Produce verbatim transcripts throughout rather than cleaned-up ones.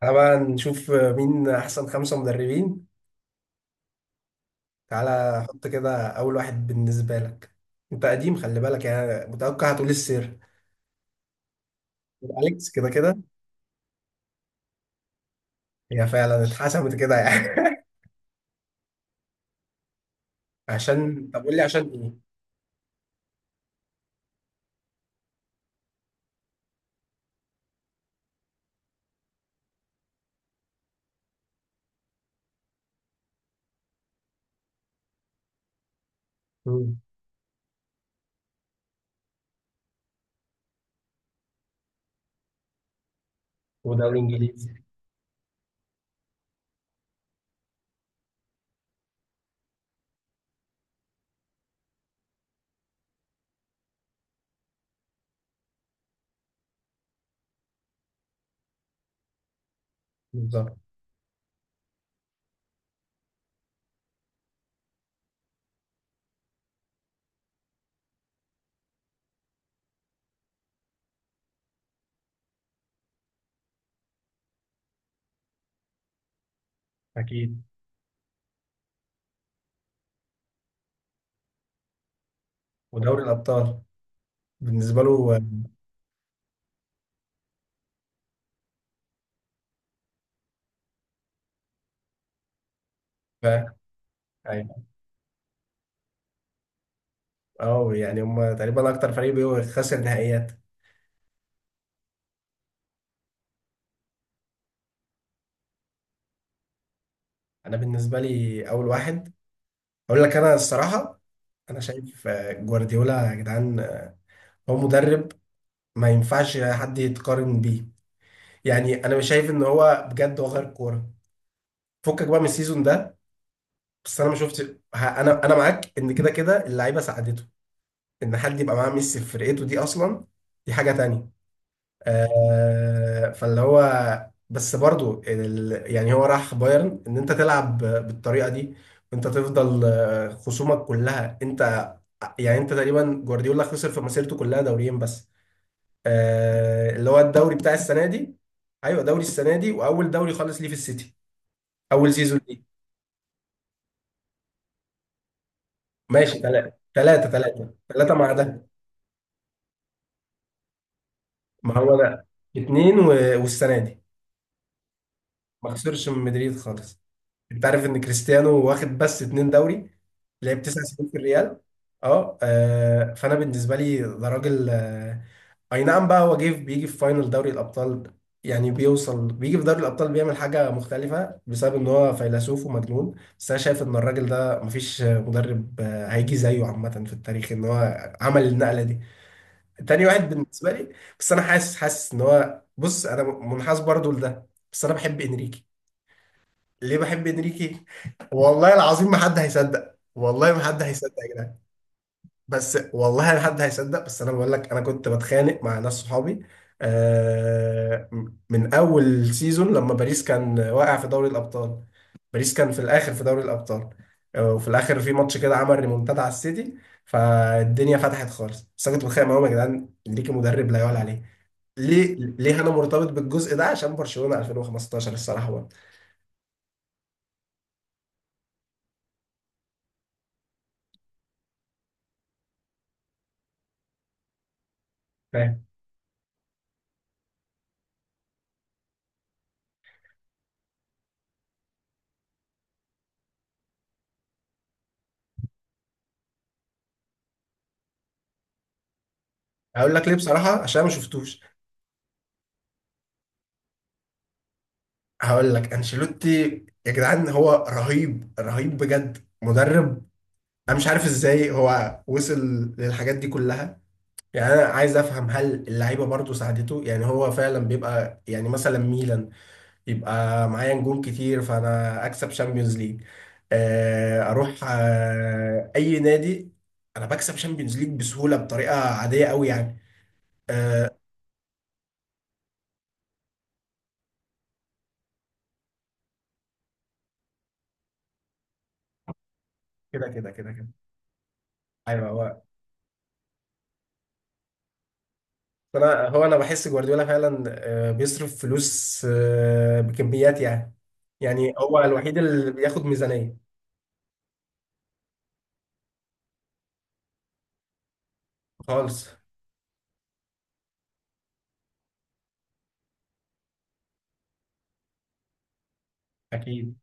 تعالى بقى نشوف مين احسن خمسة مدربين. تعالى حط كده اول واحد بالنسبة لك. انت قديم، خلي بالك يعني، متوقع هتقول السير اليكس كده كده. هي فعلا اتحسمت كده يعني. عشان، طب قول لي عشان ايه. مم. ودوري انجليزي. بالظبط. اكيد. ودوري الابطال بالنسبة له. ف- ايوه. اه يعني هم تقريبا اكتر فريق بيخسر نهائيات. انا بالنسبة لي اول واحد، اقول لك انا الصراحة. انا شايف، آه، جوارديولا يا جدعان، آه، هو مدرب ما ينفعش حد يتقارن بيه. يعني انا مش شايف ان هو بجد، هو غير كوره. فكك بقى من السيزون ده. بس انا ما شفت ه- انا انا معاك ان كده كده اللعيبه ساعدته، ان حد يبقى معاه ميسي في فرقته دي اصلا، دي حاجه تانية. آه فاللي هو، بس برضو ال... يعني هو راح بايرن ان انت تلعب بالطريقه دي، وانت تفضل، آه، خصومك كلها انت. يعني انت تقريبا، جوارديولا خسر في مسيرته كلها دوريين بس. آه اللي هو الدوري بتاع السنه دي. ايوه، دوري السنه دي واول دوري خالص ليه في السيتي، اول سيزون ليه. ماشي، ثلاثه ثلاثه ثلاثه ثلاثه مع ده. ما هو ده، اتنين و... والسنه دي. ما خسرش من مدريد خالص. انت عارف ان كريستيانو واخد بس اتنين دوري، لعب تسع سنين في الريال. اه آه، فانا بالنسبه لي ده راجل، آه، اي نعم بقى، هو جه بيجي في فاينل دوري الابطال. يعني بيوصل بيجي في دوري الابطال بيعمل حاجه مختلفه بسبب ان هو فيلسوف ومجنون. بس انا شايف ان الراجل ده مفيش مدرب آه، هيجي زيه عامه في التاريخ ان هو عمل النقله دي. تاني واحد بالنسبه لي. بس انا حاسس، حاسس ان هو، بص انا منحاز برضو لده، بس انا بحب انريكي. ليه بحب انريكي؟ والله العظيم ما حد هيصدق، والله ما حد هيصدق يا جدعان. بس والله لا حد هيصدق، بس انا بقول لك انا كنت بتخانق مع ناس صحابي. آه، من اول سيزون لما باريس كان واقع في دوري الابطال، باريس كان في الاخر في دوري الابطال. آه، وفي الاخر في ماتش كده عمل ريمونتادا على السيتي، فالدنيا فتحت خالص. بس انا كنت بتخانق معاهم يا جدعان، ليكي مدرب لا يعلى عليه. ليه ليه انا مرتبط بالجزء ده؟ عشان برشلونة ألفين وخمستاشر الصراحة برضه. فاهم. هقول لك ليه بصراحة، عشان أنا ما شفتوش. هقول لك انشيلوتي، يا جدعان هو رهيب رهيب بجد مدرب. انا مش عارف ازاي هو وصل للحاجات دي كلها. يعني انا عايز افهم، هل اللعيبه برضه ساعدته؟ يعني هو فعلا بيبقى يعني، مثلا ميلان يبقى معايا نجوم كتير فانا اكسب شامبيونز ليج. آه، اروح آه، اي نادي، انا بكسب شامبيونز ليج بسهوله بطريقه عاديه قوي يعني. آه، كده كده كده كده، ايوه. انا هو، انا بحس جوارديولا فعلا، آه، بيصرف فلوس، آه، بكميات يعني. يعني هو الوحيد اللي بياخد ميزانية خالص. اكيد.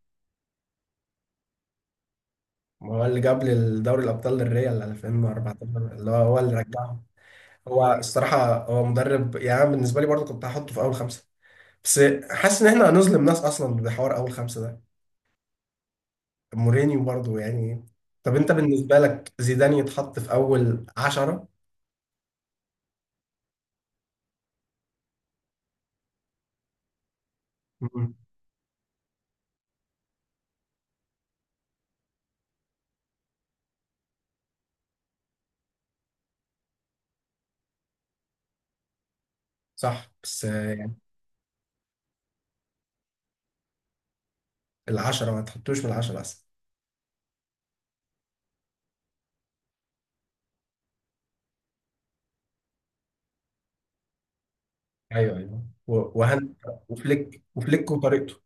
ما هو اللي جاب للدوري الابطال للريال ألفين واربعتاشر، اللي هو هو اللي رجعهم. هو الصراحة هو مدرب، يعني أنا بالنسبة لي برضه كنت هحطه في اول خمسة. بس حاسس ان احنا هنظلم ناس اصلا بحوار اول خمسة ده. مورينيو برضه يعني، إيه. طب انت بالنسبة لك زيدان يتحط في اول عشرة؟ مم. صح بس، آه، يعني العشرة ما تحطوش من العشرة أصلا. ايوه ايوه، و- وهن، وفليك وفليك وطريقته.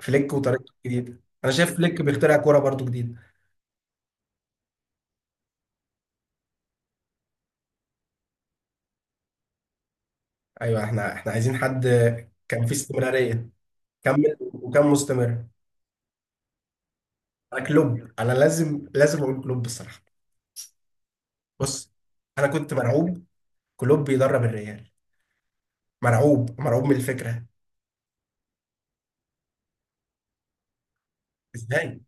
فليك وطريقته الجديده، انا شايف فليك بيخترع كوره برضو جديده. ايوه، احنا احنا عايزين حد كان فيه استمراريه، كمل وكان مستمر. انا كلوب، انا لازم لازم اقول كلوب بصراحه. بص، انا كنت مرعوب، كلوب بيدرب الريال، مرعوب مرعوب من الفكره. ازاي؟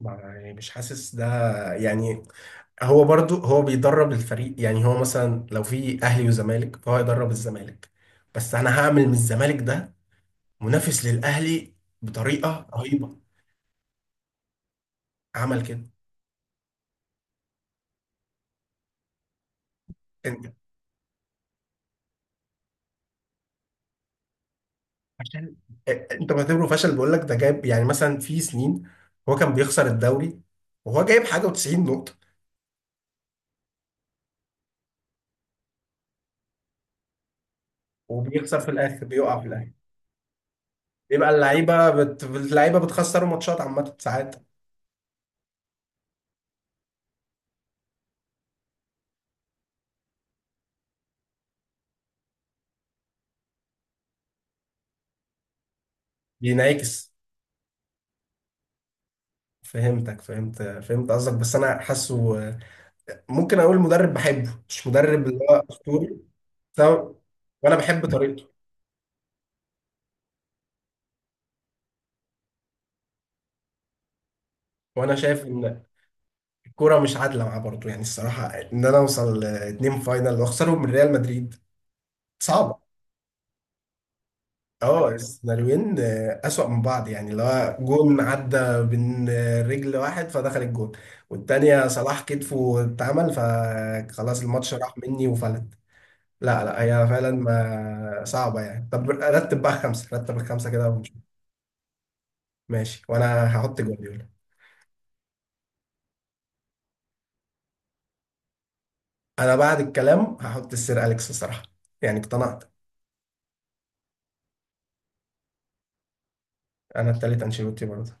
ما- يعني مش حاسس ده. يعني هو برضو، هو بيدرب الفريق يعني، هو مثلا لو في اهلي وزمالك فهو يدرب الزمالك. بس انا هعمل من الزمالك ده منافس للاهلي بطريقه رهيبه. عمل كده. انت. فشل. انت بعتبره فشل، بقول لك ده جايب يعني مثلا في سنين هو كان بيخسر الدوري وهو جايب حاجه وتسعين نقطه. وبيخسر في الاخر، بيقع في الاخر. بيبقى اللعيبه بت... اللعيبه بتخسر ماتشات عامه ساعات. بينعكس. فهمتك، فهمت فهمت قصدك، بس انا حاسه. ممكن اقول مدرب بحبه مش مدرب اللي هو اسطوري. بس أنا- وانا بحب طريقته. وانا شايف ان كوره مش عادله معاه برضه، يعني الصراحه، ان انا اوصل اتنين فاينل واخسرهم من ريال مدريد صعبه. اه السيناريوهين، آه، اسوأ من بعض يعني، اللي هو جون عدى من، آه، رجل واحد فدخل الجون. والتانية صلاح كتفه اتعمل فخلاص الماتش راح مني وفلت. لا، لا، هي فعلا ما صعبة يعني. طب رتب بقى خمسة، رتب الخمسة كده ونشوف. ماشي، وانا هحط جوارديولا. انا بعد الكلام هحط السير اليكس الصراحة، يعني اقتنعت. انا التالت انشيلوتي برضه.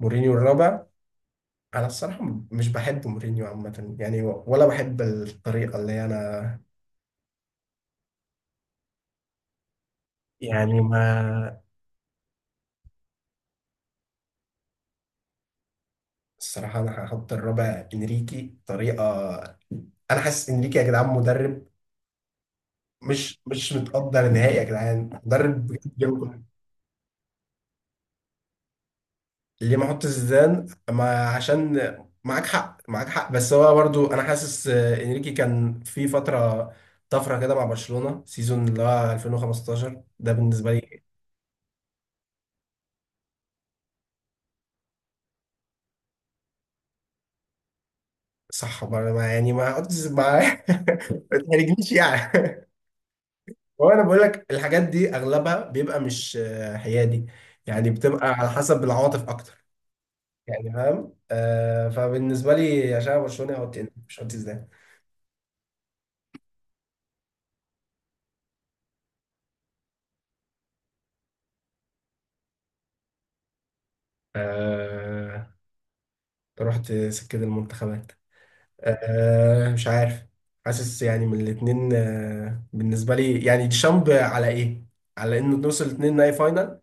مورينيو الرابع. انا الصراحه مش بحب مورينيو عامه يعني، ولا بحب الطريقه اللي انا. يعني، ما الصراحه انا هحط الرابع انريكي طريقه. انا حاسس انريكي يا جدعان مدرب، مش مش متقدر نهائي، يا جدعان مدرب بجد جامد. ليه ما احط زيدان؟ ما عشان، معاك حق، معاك حق، بس هو برضو انا حاسس، آه، انريكي كان في فتره طفره كده مع برشلونه، سيزون اللي هو ألفين وخمستاشر ده بالنسبه لي. صح ما أنا- ما- يعني ما قلتش ما ما تحرجنيش يعني. هو انا بقول لك الحاجات دي اغلبها بيبقى مش، آه، حيادي، يعني بتبقى على حسب العواطف اكتر. يعني فاهم، آه فبالنسبه لي عشان أنا برشلوني هقعد تاني مش قلت ازاي. آه رحت سكه المنتخبات. آه مش عارف. حاسس يعني من الاثنين، آه بالنسبه لي يعني ديشامب على ايه؟ على انه نوصل الاثنين نهائي فاينل